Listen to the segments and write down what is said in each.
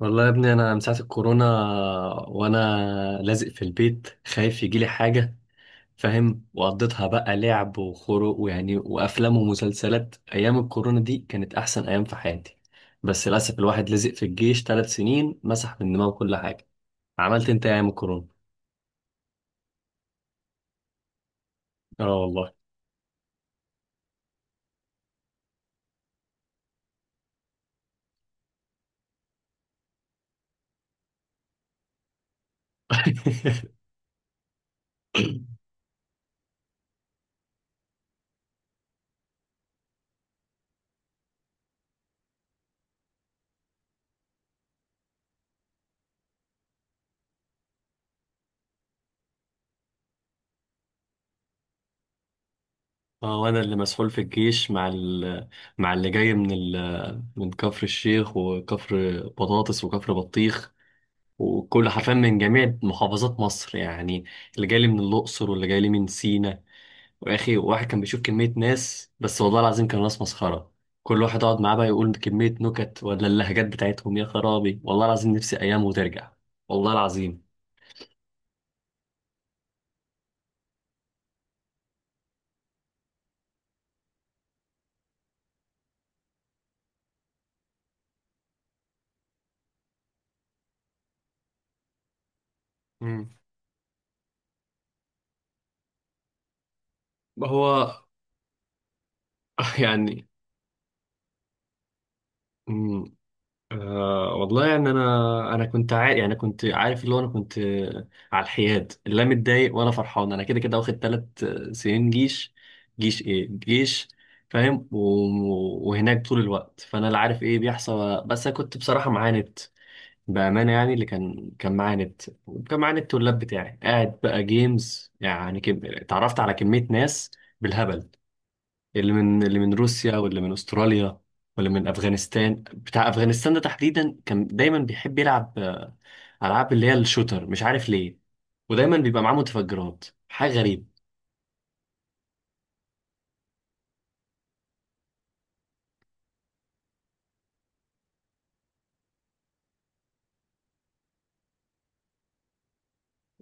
والله يا ابني، انا من ساعه الكورونا وانا لازق في البيت خايف يجيلي حاجه، فاهم؟ وقضيتها بقى لعب وخروج ويعني وافلام ومسلسلات. ايام الكورونا دي كانت احسن ايام في حياتي، بس للاسف الواحد لزق في الجيش 3 سنين مسح من دماغه كل حاجه. عملت انت إيه ايام الكورونا؟ اه والله. اه، وانا اللي مسحول في الجيش مع اللي جاي من كفر الشيخ وكفر بطاطس وكفر بطيخ، وكل حرفيا من جميع محافظات مصر يعني. اللي جاي لي من الأقصر واللي جاي لي من سينا. وأخي، واحد كان بيشوف كمية ناس، بس والله العظيم كانوا ناس مسخرة. كل واحد أقعد معاه بقى يقول كمية نكت، ولا اللهجات بتاعتهم يا خرابي! والله العظيم نفسي أيام وترجع، والله العظيم. مم. هو. يعني. مم. أه والله يعني، انا كنت عارف، يعني كنت عارف، اللي هو انا كنت على الحياد، لا متضايق ولا فرحان. انا كده كده واخد 3 سنين جيش. جيش ايه جيش؟ فاهم، وهناك طول الوقت، فانا لا عارف ايه بيحصل، بس انا كنت بصراحه معاند، بامانه يعني. اللي كان معاند، وكان معاند، اللاب بتاعي قاعد بقى جيمز، يعني اتعرفت على كميه ناس بالهبل، اللي من روسيا واللي من استراليا واللي من افغانستان. بتاع افغانستان ده تحديدا كان دايما بيحب يلعب العاب اللي هي الشوتر، مش عارف ليه، ودايما بيبقى معاه متفجرات، حاجه غريبه.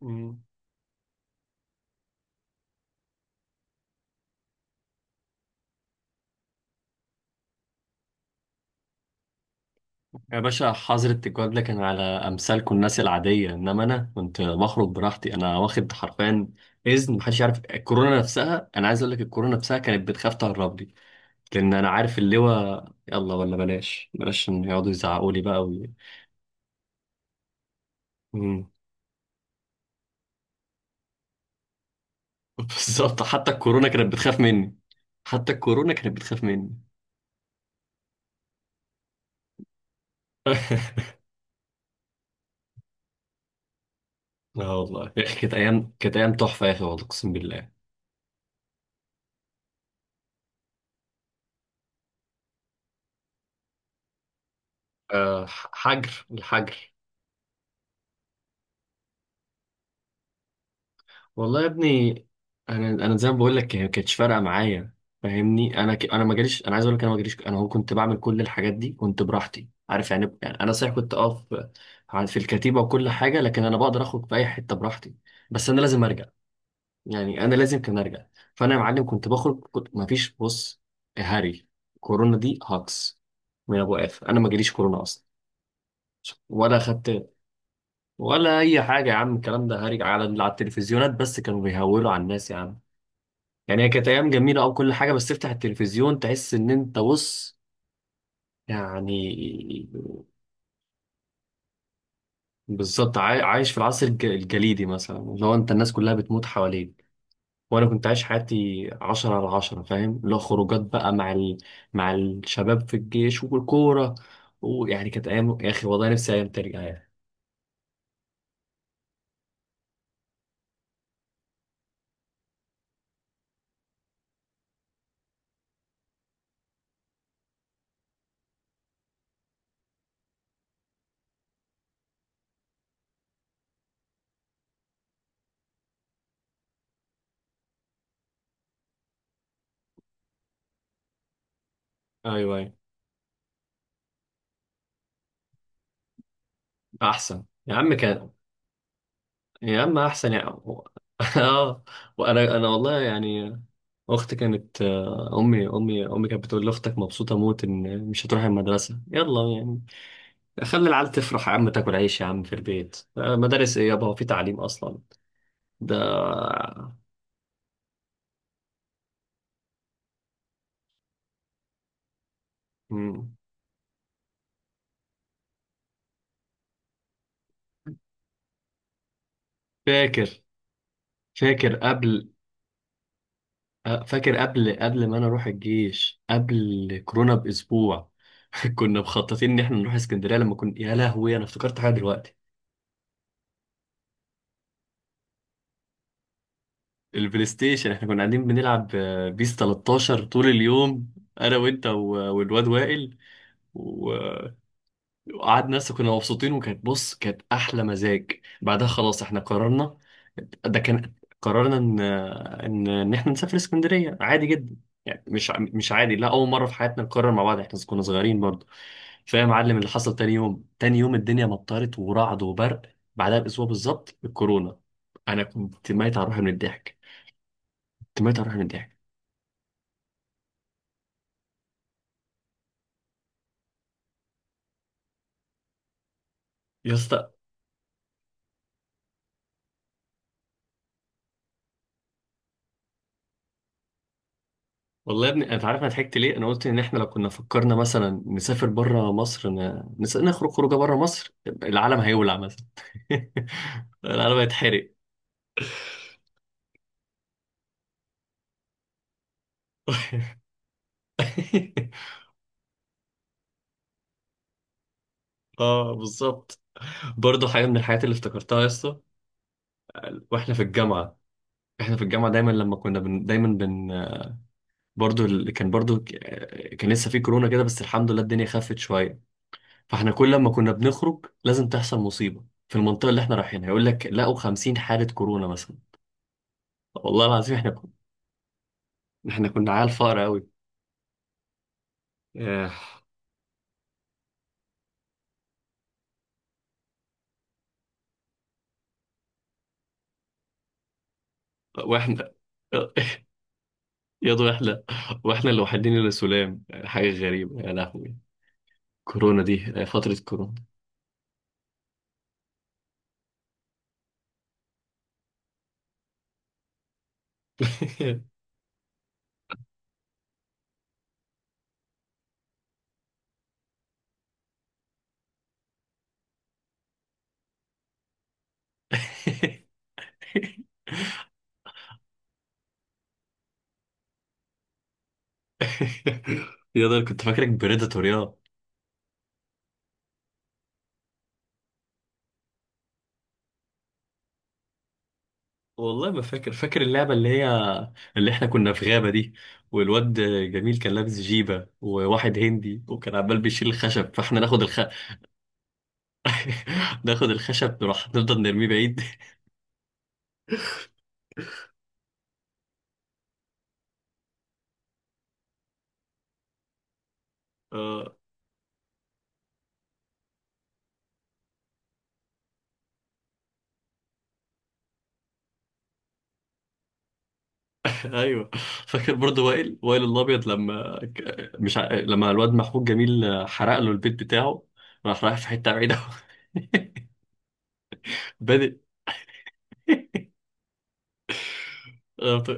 مم. يا باشا، حظر التجوال ده كان على امثالكم الناس العاديه، انما انا كنت بخرج براحتي، انا واخد حرفيا اذن محدش يعرف. الكورونا نفسها، انا عايز اقول لك الكورونا نفسها كانت بتخاف تهرب لي، لان انا عارف اللواء. يلا ولا بلاش، بلاش ان يقعدوا يزعقوا لي بقى. وي... بالظبط. حتى الكورونا كانت بتخاف مني. حتى الكورونا كانت بتخاف مني. اه والله، كانت ايام تحفه يا اخي، والله اقسم بالله. أه. حجر، الحجر. والله يا ابني، انا زي ما بقول لك هي ما كانتش فارقه معايا، فاهمني؟ انا ما جاليش، انا عايز اقول لك انا ما جاليش. انا هو كنت بعمل كل الحاجات دي كنت براحتي، عارف؟ يعني انا صحيح كنت اقف في الكتيبه وكل حاجه، لكن انا بقدر اخرج في اي حته براحتي، بس انا لازم ارجع، يعني انا لازم كان ارجع. فانا يا معلم كنت بخرج، كنت ما فيش. بص يا هاري، كورونا دي هاكس من ابو قاف. انا ما جاليش كورونا اصلا ولا خدت ولا اي حاجه. يا عم الكلام ده هاري، على التلفزيونات بس كانوا بيهولوا على الناس يا عم. يعني هي كانت ايام جميله او كل حاجه، بس تفتح التلفزيون تحس ان انت بص، يعني. بالظبط. عايش في العصر الجليدي مثلا، اللي هو انت الناس كلها بتموت حواليك، وانا كنت عايش حياتي 10/10، فاهم؟ اللي هو خروجات بقى مع الشباب في الجيش والكورة، ويعني كانت ايام يا اخي، والله نفسي ايام ترجع يعني. ايوه، ايوه. احسن يا عم كان. يا عم احسن يعني. اه. وانا والله يعني، اختي كانت، امي امي امي كانت بتقول لي اختك مبسوطه موت ان مش هتروح المدرسه. يلا يعني، خلي العيال تفرح يا عم، تاكل عيش يا عم في البيت. مدارس ايه يابا، هو في تعليم اصلا ده؟ مم. فاكر فاكر قبل، فاكر قبل ما انا اروح الجيش قبل كورونا باسبوع. كنا مخططين ان احنا نروح اسكندريه لما كنا، يا لهوي انا افتكرت حاجه دلوقتي. البلاي ستيشن، احنا كنا قاعدين بنلعب بيس 13 طول اليوم، انا وانت والواد وائل. قعدنا لسه كنا مبسوطين، وكانت بص كانت احلى مزاج. بعدها خلاص احنا قررنا، ده كان، قررنا ان احنا نسافر اسكندريه عادي جدا. يعني مش مش عادي، لا، اول مره في حياتنا نقرر مع بعض احنا كنا صغيرين برضه. فيا معلم، اللي حصل تاني يوم، تاني يوم الدنيا مطرت ورعد وبرق، بعدها باسبوع بالظبط الكورونا. انا كنت ميت على روحي من الضحك، كنت ميت على روحي من الضحك. يا اسطى. والله يا ابني، انت عارف انا ضحكت ليه؟ انا قلت ان احنا لو كنا فكرنا مثلا نسافر بره مصر، نخرج خروجه بره مصر، العالم هيولع مثلا. العالم هيتحرق. اه بالظبط. برضه حاجه من الحاجات اللي افتكرتها يا اسطى، واحنا في الجامعه. احنا في الجامعه دايما لما كنا بن... دايما بن برضه كان برضه كان لسه في كورونا كده، بس الحمد لله الدنيا خفت شويه. فاحنا كل ما كنا بنخرج لازم تحصل مصيبه في المنطقه اللي احنا رايحينها، يقول لك لقوا 50 حاله كورونا مثلا، والله العظيم. احنا كنا عيال فقر قوي، آه، واحنا، يا دو احنا، واحنا الوحيدين اللي سلام. حاجة غريبة يا لهوي، كورونا دي فترة كورونا. يا ده كنت فاكرك بريداتور، يا. والله ما فاكر، فاكر اللعبة اللي هي، اللي احنا كنا في غابة دي، والواد جميل كان لابس جيبة وواحد هندي وكان عمال بيشيل الخشب، فاحنا ناخد ناخد الخشب نروح نفضل نرميه بعيد. ايوه. فاكر برضو وائل، وائل الابيض، لما ك- مش ع... لما الواد محمود جميل حرق له البيت بتاعه، راح رايح في حته بعيده. بادئ. آه، ط-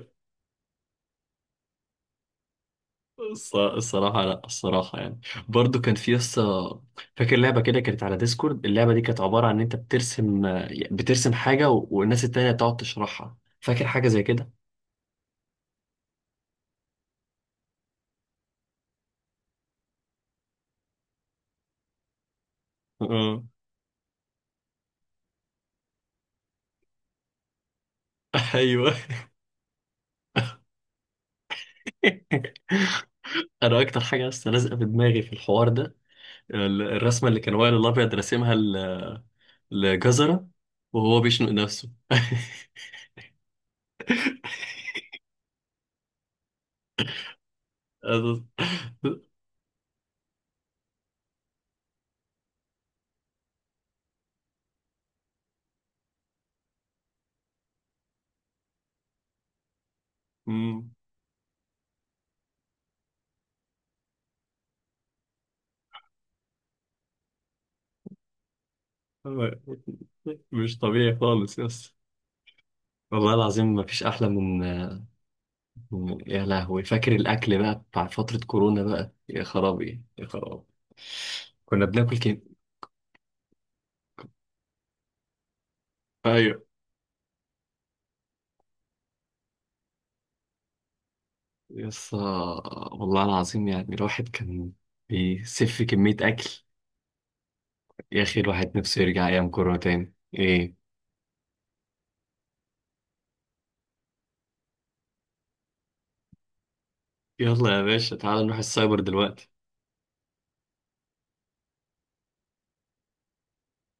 الصراحه لا، الصراحه يعني برضو كان في قصه. فاكر لعبه كده كانت على ديسكورد؟ اللعبه دي كانت عباره عن ان انت بترسم، بترسم حاجه والناس التانيه تقعد تشرحها، فاكر حاجه زي كده؟ اه ايوه. انا اكتر حاجه لسه لازقه في دماغي في الحوار ده، الرسمه اللي كان وائل الابيض راسمها لجزرة وهو بيشنق نفسه. أمم. مش طبيعي خالص يا اسطى، والله العظيم ما فيش أحلى من، يا لهوي، فاكر الأكل بقى بتاع فترة كورونا بقى؟ يا خرابي، يا خرابي! كنا بناكل كده. أيوه يا اسطى، والله العظيم يعني الواحد كان بيسف كمية أكل. يا أخي الواحد نفسه يرجع أيام كورونا تاني، إيه؟ يلا يا باشا، تعال نروح السايبر دلوقتي.